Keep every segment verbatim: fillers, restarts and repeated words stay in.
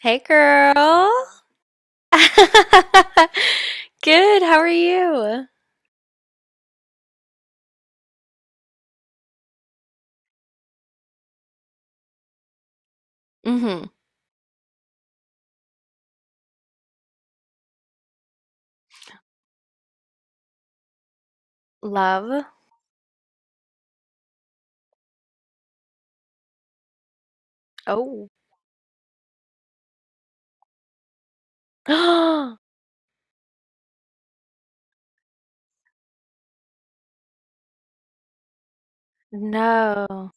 Hey, girl. Good. How are you? Hmm. Love. Oh. No.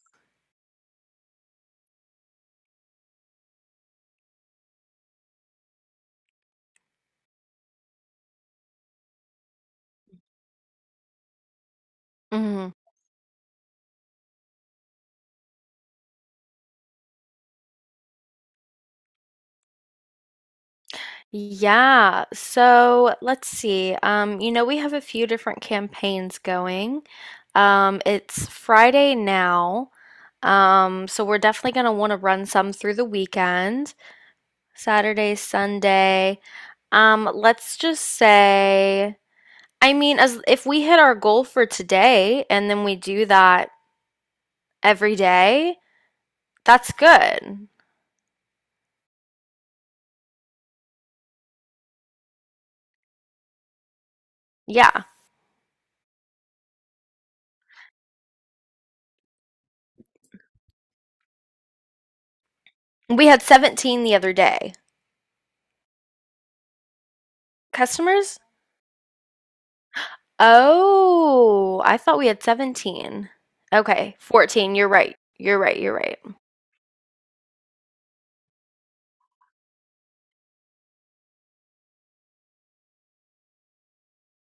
Hmm. Yeah. So let's see. Um, you know, we have a few different campaigns going. Um, it's Friday now. Um, so we're definitely going to want to run some through the weekend, Saturday, Sunday. Um, let's just say. I mean, as if we hit our goal for today and then we do that every day, that's good. Yeah. We had seventeen the other day. Customers? Oh, I thought we had seventeen. Okay, fourteen. You're right. You're right. You're right.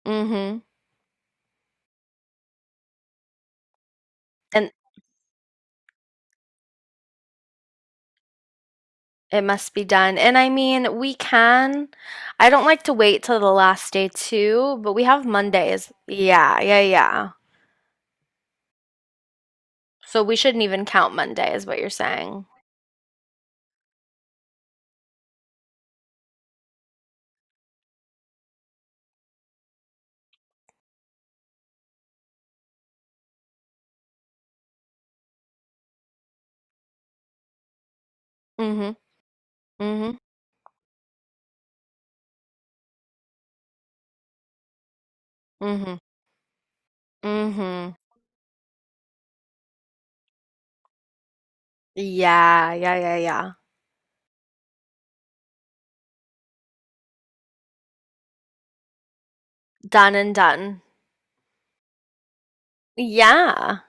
Mm-hmm. And it must be done. And I mean, we can. I don't like to wait till the last day too, but we have Mondays. Yeah, yeah, yeah. So we shouldn't even count Monday, is what you're saying. Mm-hmm. Mm-hmm. Mm-hmm. Mm-hmm. Yeah, yeah, yeah, yeah. Done and done. Yeah.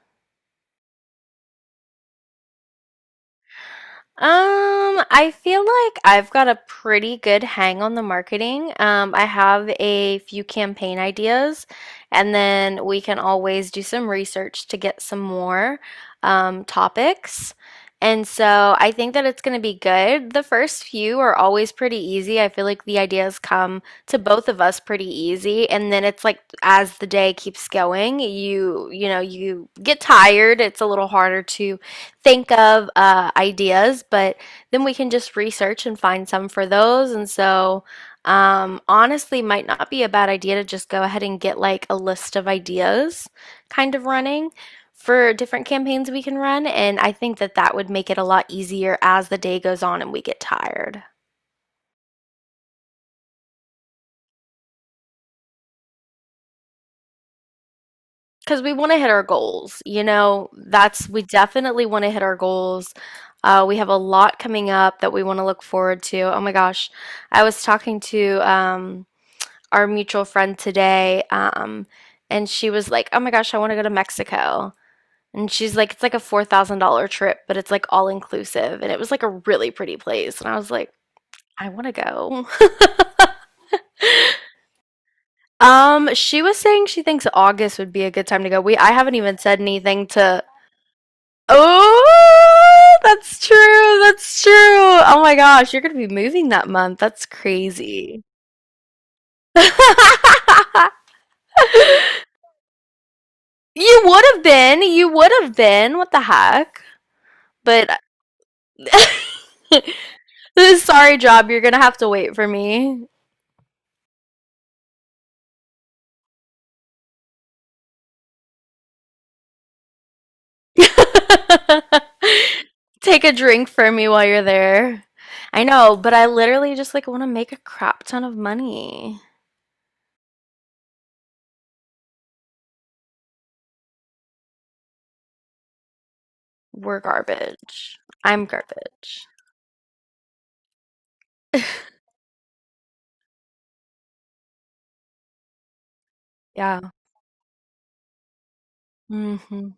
Um, I feel like I've got a pretty good hang on the marketing. Um, I have a few campaign ideas, and then we can always do some research to get some more um, topics. And so I think that it's going to be good. The first few are always pretty easy. I feel like the ideas come to both of us pretty easy, and then it's like as the day keeps going, you you know, you get tired. It's a little harder to think of uh, ideas, but then we can just research and find some for those. And so, um, honestly, might not be a bad idea to just go ahead and get like a list of ideas kind of running for different campaigns we can run. And I think that that would make it a lot easier as the day goes on and we get tired. Because we want to hit our goals, you know, that's we definitely want to hit our goals. Uh, we have a lot coming up that we want to look forward to. Oh my gosh, I was talking to um, our mutual friend today, um, and she was like, "Oh my gosh, I want to go to Mexico." And she's like, "It's like a four thousand dollar trip, but it's like all inclusive." And it was like a really pretty place, and I was like, "I want to go." Um, she was saying she thinks August would be a good time to go. We I haven't even said anything to. Oh, that's true. That's true. Oh my gosh, you're gonna be moving that month. That's crazy. You would have been. You would have been. What the heck? But this sorry job, you're gonna have to wait for me. Take a drink for me while you're there. I know, but I literally just like want to make a crap ton of money. We're garbage. I'm garbage. Yeah. Mm-hmm.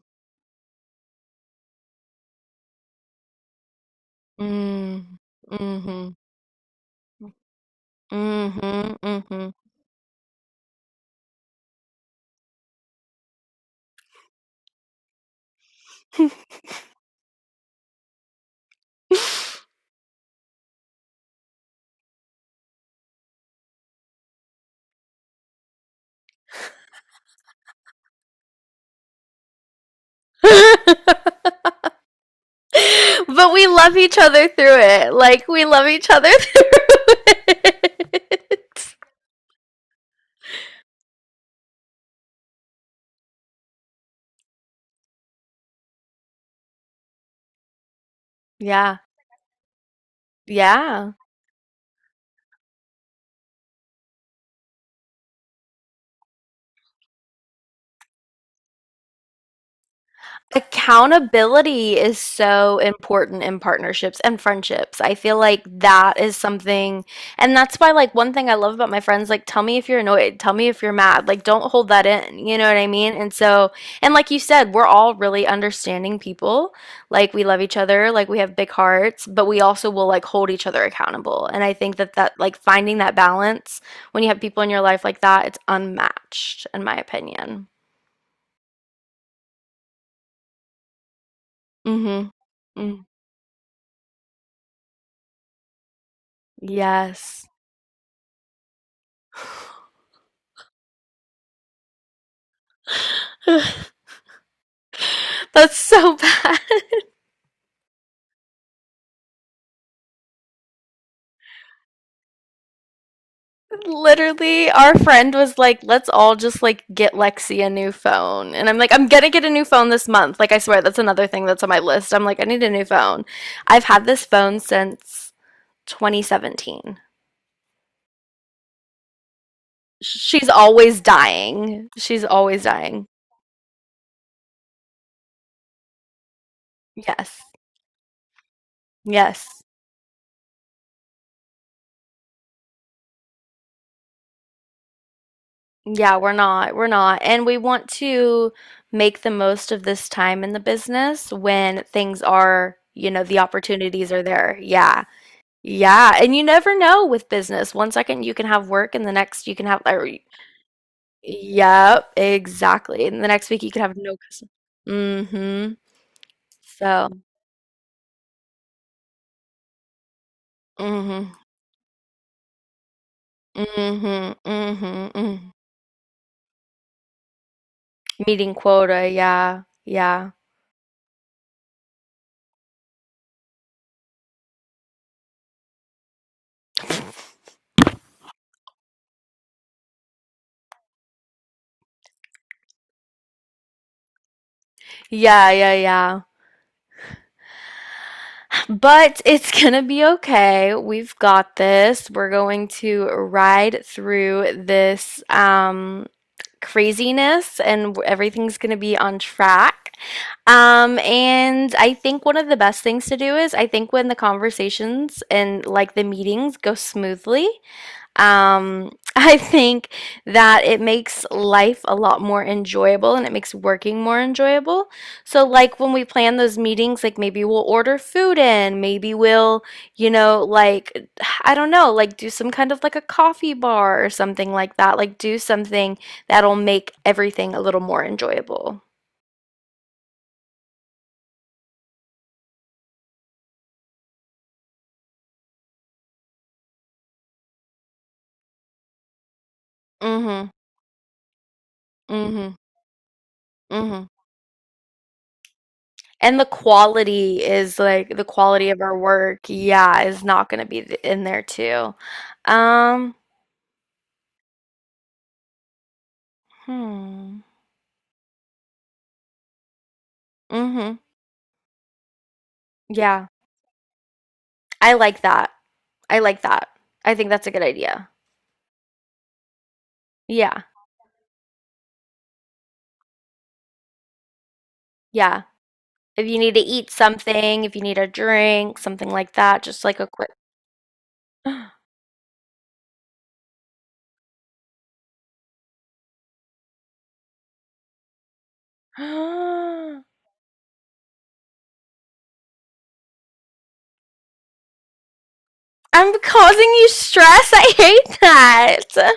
Mm. Mm-hmm. Mm-hmm. Mm-hmm. But we love each other through it. Like we love each other through it. Yeah. Yeah. Accountability is so important in partnerships and friendships. I feel like that is something, and that's why, like, one thing I love about my friends, like, tell me if you're annoyed, tell me if you're mad, like, don't hold that in, you know what I mean? And so, and like you said, we're all really understanding people. Like, we love each other, like, we have big hearts, but we also will, like, hold each other accountable. And I think that that, like, finding that balance when you have people in your life like that, it's unmatched, in my opinion. Mhm. Mm, yes. That's so bad. Literally, our friend was like, "Let's all just like get Lexi a new phone." And I'm like, "I'm gonna get a new phone this month." Like I swear that's another thing that's on my list. I'm like, "I need a new phone." I've had this phone since twenty seventeen. She's always dying. She's always dying. Yes. Yes. Yeah, we're not. We're not. And we want to make the most of this time in the business when things are, you know, the opportunities are there. Yeah. Yeah. And you never know with business. One second you can have work and the next you can have or, yep, exactly. And the next week you can have no customer. Mm-hmm. So. Mm-hmm. Mm-hmm. Mm-hmm. Mm-hmm. Meeting quota, yeah. Yeah. Yeah, yeah, yeah. But it's gonna be okay. We've got this. We're going to ride through this um, craziness and everything's gonna be on track. Um, and I think one of the best things to do is I think when the conversations and like the meetings go smoothly, um, I think that it makes life a lot more enjoyable and it makes working more enjoyable. So, like when we plan those meetings, like maybe we'll order food in, maybe we'll, you know, like, I don't know, like do some kind of like a coffee bar or something like that. Like, do something that'll make everything a little more enjoyable. Mm hmm. Mm hmm. Mm hmm. And the quality is like the quality of our work, yeah, is not going to be th- in there too. Um, Hmm. Mhm. Yeah. I like that. I like that. I think that's a good idea. Yeah. Yeah. If you need to eat something, if you need a drink, something like that, just like a quick I'm causing you stress. I hate that.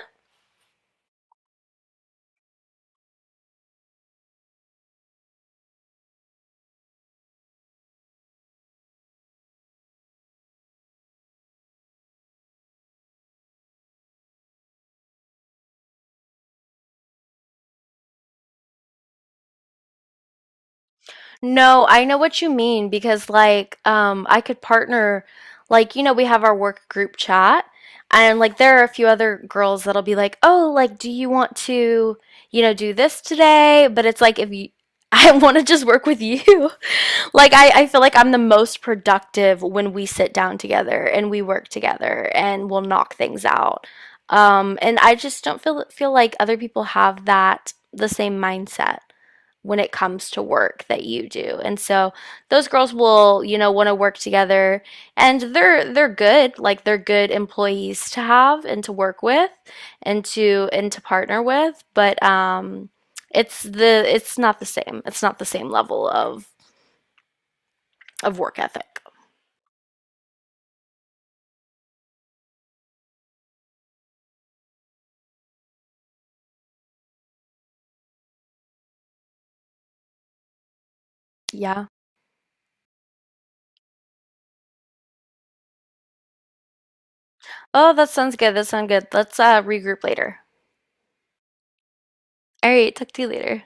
No, I know what you mean because like um I could partner like you know we have our work group chat and like there are a few other girls that'll be like, "Oh, like do you want to, you know, do this today?" But it's like if you I want to just work with you. Like I I feel like I'm the most productive when we sit down together and we work together and we'll knock things out. Um and I just don't feel feel like other people have that the same mindset when it comes to work that you do. And so those girls will, you know, want to work together and they're they're good, like they're good employees to have and to work with and to and to partner with, but um it's the it's not the same. It's not the same level of of work ethic. Yeah. Oh, that sounds good. That sounds good. Let's uh regroup later. All right, talk to you later.